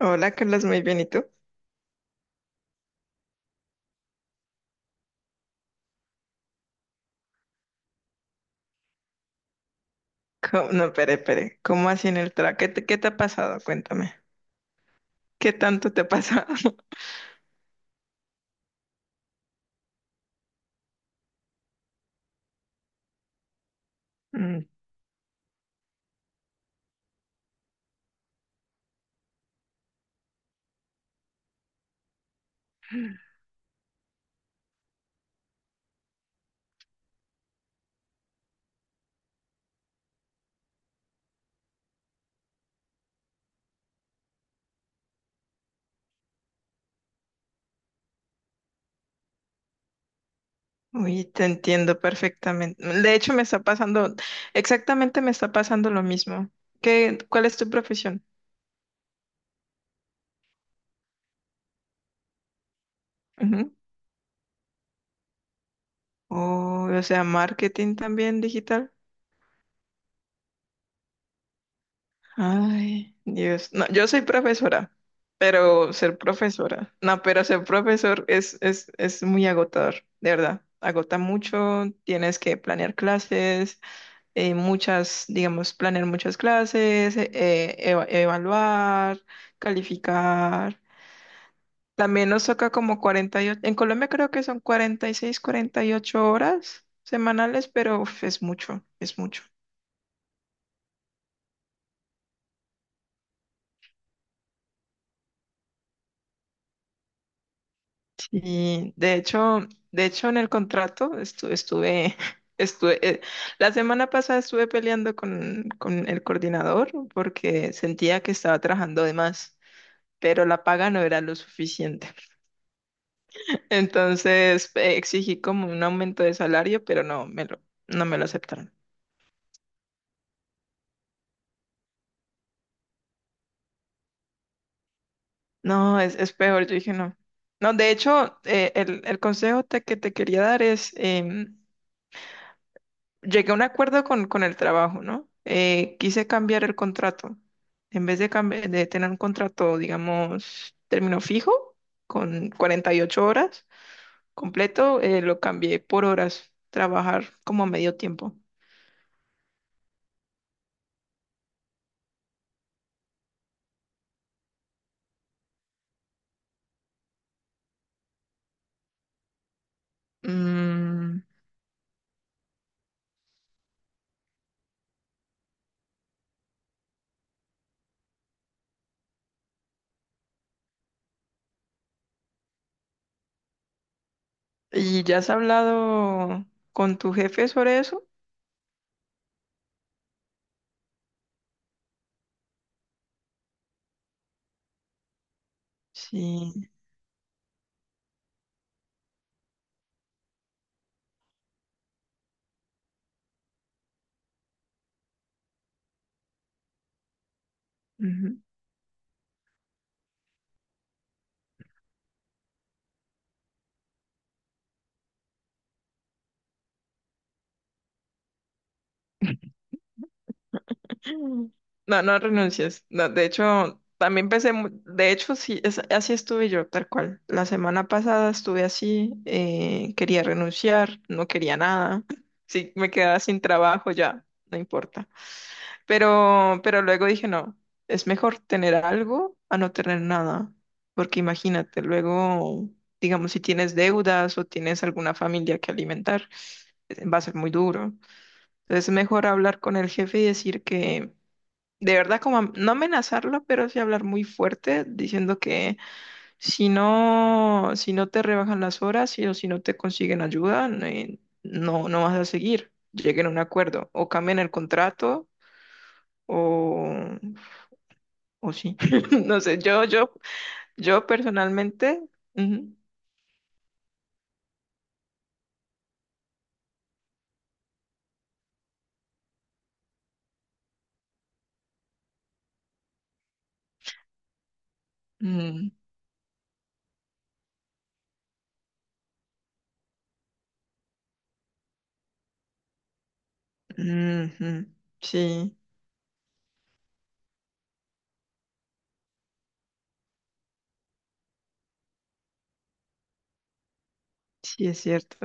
Hola, Carlos, muy bien. ¿Y tú? ¿Cómo? No, espere, espere. ¿Cómo así en el trabajo? ¿Qué te ha pasado? Cuéntame. ¿Qué tanto te ha pasado? Mm. Uy, te entiendo perfectamente. De hecho, me está pasando, exactamente me está pasando lo mismo. ¿Qué, cuál es tu profesión? Ujú. Oh, o sea, marketing también digital. Ay, Dios. No, yo soy profesora, pero ser profesora, no, pero ser profesor es muy agotador, de verdad. Agota mucho, tienes que planear clases, muchas, digamos, planear muchas clases, evaluar, calificar. También nos toca como 48. En Colombia creo que son 46, 48 horas semanales, pero uf, es mucho, es mucho. Y de hecho en el contrato estuve, estuve, eh, la semana pasada estuve peleando con el coordinador porque sentía que estaba trabajando de más, pero la paga no era lo suficiente. Entonces exigí como un aumento de salario, pero no me lo aceptaron. No, es peor, yo dije no. No, de hecho, el consejo que te quería dar es, llegué a un acuerdo con el trabajo, ¿no? Quise cambiar el contrato. En vez de tener un contrato, digamos, término fijo, con 48 horas completo, lo cambié por horas, trabajar como a medio tiempo. Mm. ¿Y ya has hablado con tu jefe sobre eso? Sí. No, no renuncies. No, de hecho, también pensé, de hecho, sí, así estuve yo, tal cual. La semana pasada estuve así, quería renunciar, no quería nada. Sí, me quedaba sin trabajo ya, no importa. Pero luego dije, no, es mejor tener algo a no tener nada. Porque imagínate, luego, digamos, si tienes deudas o tienes alguna familia que alimentar, va a ser muy duro. Entonces es mejor hablar con el jefe y decir que de verdad como no amenazarlo, pero sí hablar muy fuerte diciendo que si no, si no te rebajan las horas o si no te consiguen ayuda, no, no vas a seguir. Lleguen a un acuerdo o cambien el contrato o, o sí. No sé, yo personalmente. Ujú. Mm. Ujú. Sí, sí es cierto.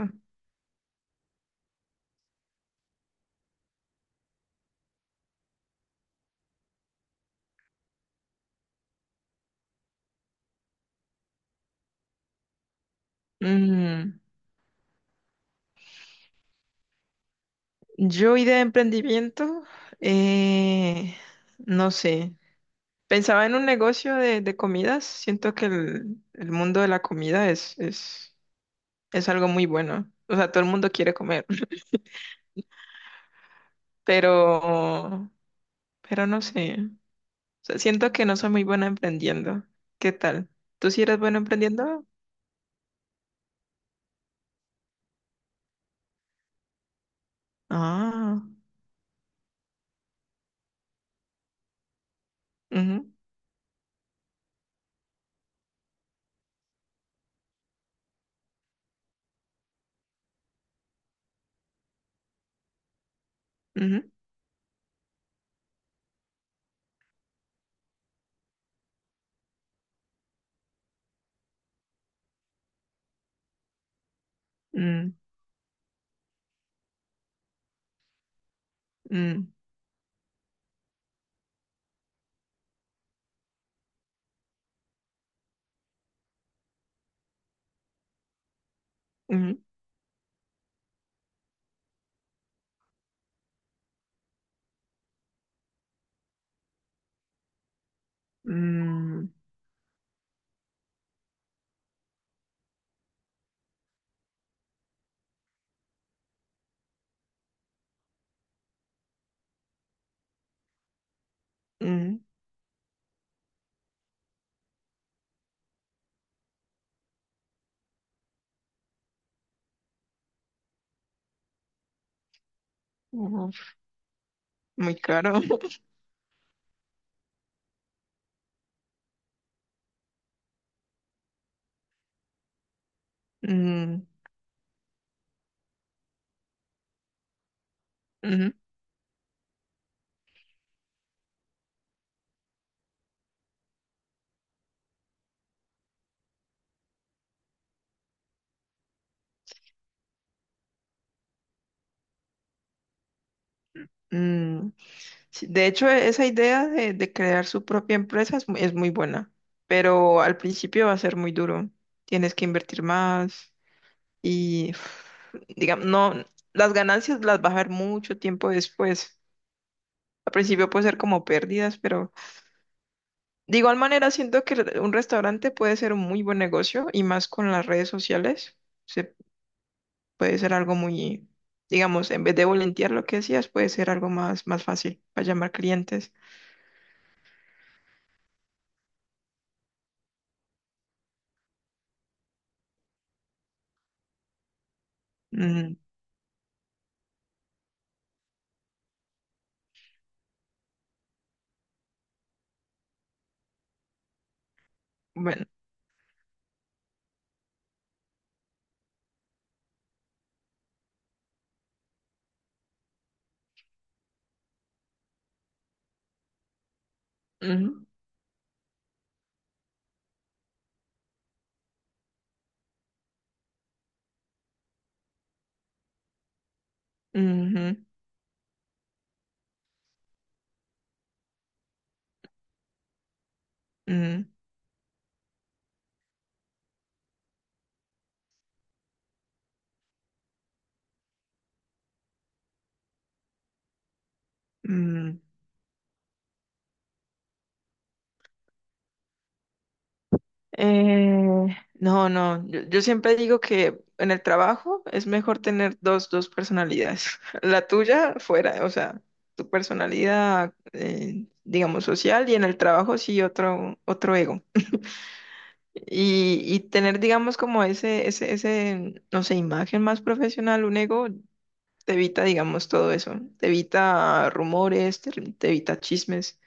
Mm, yo idea de emprendimiento, eh, no sé. Pensaba en un negocio de comidas. Siento que el mundo de la comida es algo muy bueno. O sea, todo el mundo quiere comer, pero, pero no sé. O sea, siento que no soy muy buena emprendiendo. ¿Qué tal? ¿Tú sí eres bueno emprendiendo? Ah. Ujú. Ujú. Mm. Mm. Ujú. Mm. Mm. Uf, muy caro. Mm. Ujú. Mm. Sí, de hecho, esa idea de crear su propia empresa es, es muy buena, pero al principio va a ser muy duro. Tienes que invertir más y, digamos, no, las ganancias las vas a ver mucho tiempo después. Al principio puede ser como pérdidas, pero de igual manera siento que un restaurante puede ser un muy buen negocio y más con las redes sociales. Se puede ser algo muy, digamos, en vez de volantear lo que decías, puede ser algo más, más fácil para llamar clientes. Mm, bueno. Ujú. Ujú. Mm. Mm. Eh, no, no, yo siempre digo que en el trabajo es mejor tener dos personalidades. La tuya fuera, o sea, tu personalidad, digamos, social y en el trabajo sí otro, ego. Y tener, digamos, como ese, ese, no sé, imagen más profesional, un ego, te evita, digamos, todo eso. Te evita rumores, te evita chismes.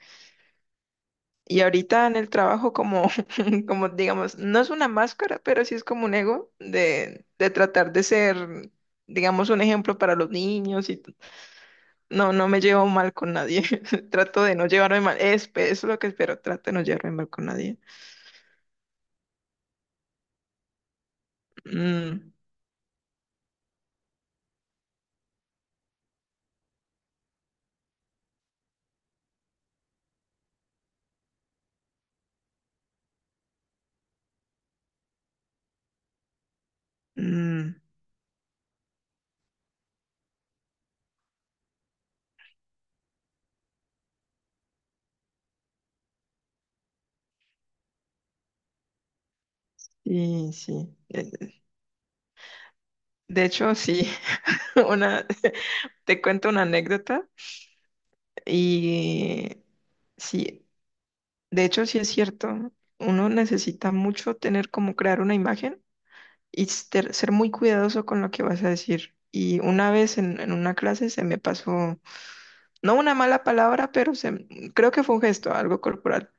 Y ahorita en el trabajo como, como digamos, no es una máscara, pero sí es como un ego de tratar de ser, digamos, un ejemplo para los niños y no, no me llevo mal con nadie. Trato de no llevarme mal. Es lo que espero, trato de no llevarme mal con nadie. Mm, mm. Sí, sí. De hecho, sí, una, te cuento una anécdota y sí, de hecho sí es cierto. Uno necesita mucho tener como crear una imagen y ser, ser muy cuidadoso con lo que vas a decir. Y una vez en una clase se me pasó, no una mala palabra, pero se, creo que fue un gesto, algo corporal.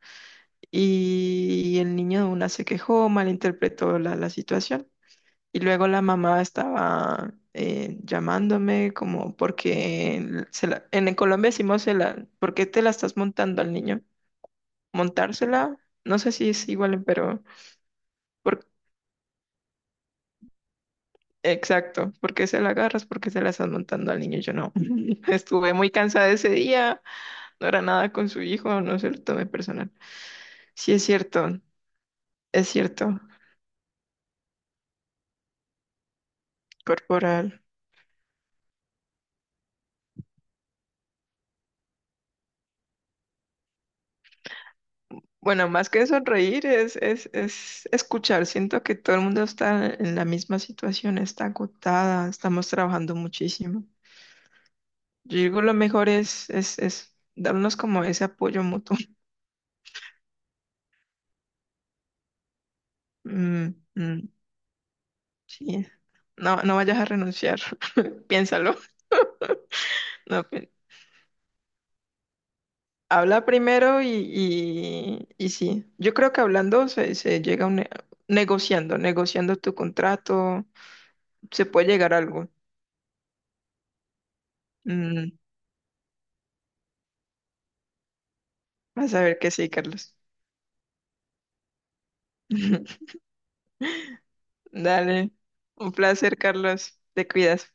Y el niño de una se quejó, malinterpretó la situación. Y luego la mamá estaba llamándome como porque en Colombia decimos, se la, ¿por qué te la estás montando al niño? Montársela, no sé si es igual, pero... Exacto, ¿porque se la agarras? ¿Porque se la estás montando al niño? Yo no. Estuve muy cansada ese día, no era nada con su hijo, no se lo tomé personal. Sí, es cierto, corporal. Bueno, más que sonreír es escuchar. Siento que todo el mundo está en la misma situación, está agotada, estamos trabajando muchísimo. Yo digo, lo mejor es darnos como ese apoyo mutuo. Mm, mm. Sí. No, no vayas a renunciar, piénsalo. No, habla primero y sí, yo creo que hablando se llega a un negociando tu contrato, se puede llegar a algo. Mm, vas a ver que sí, Carlos. Dale, un placer, Carlos. Te cuidas.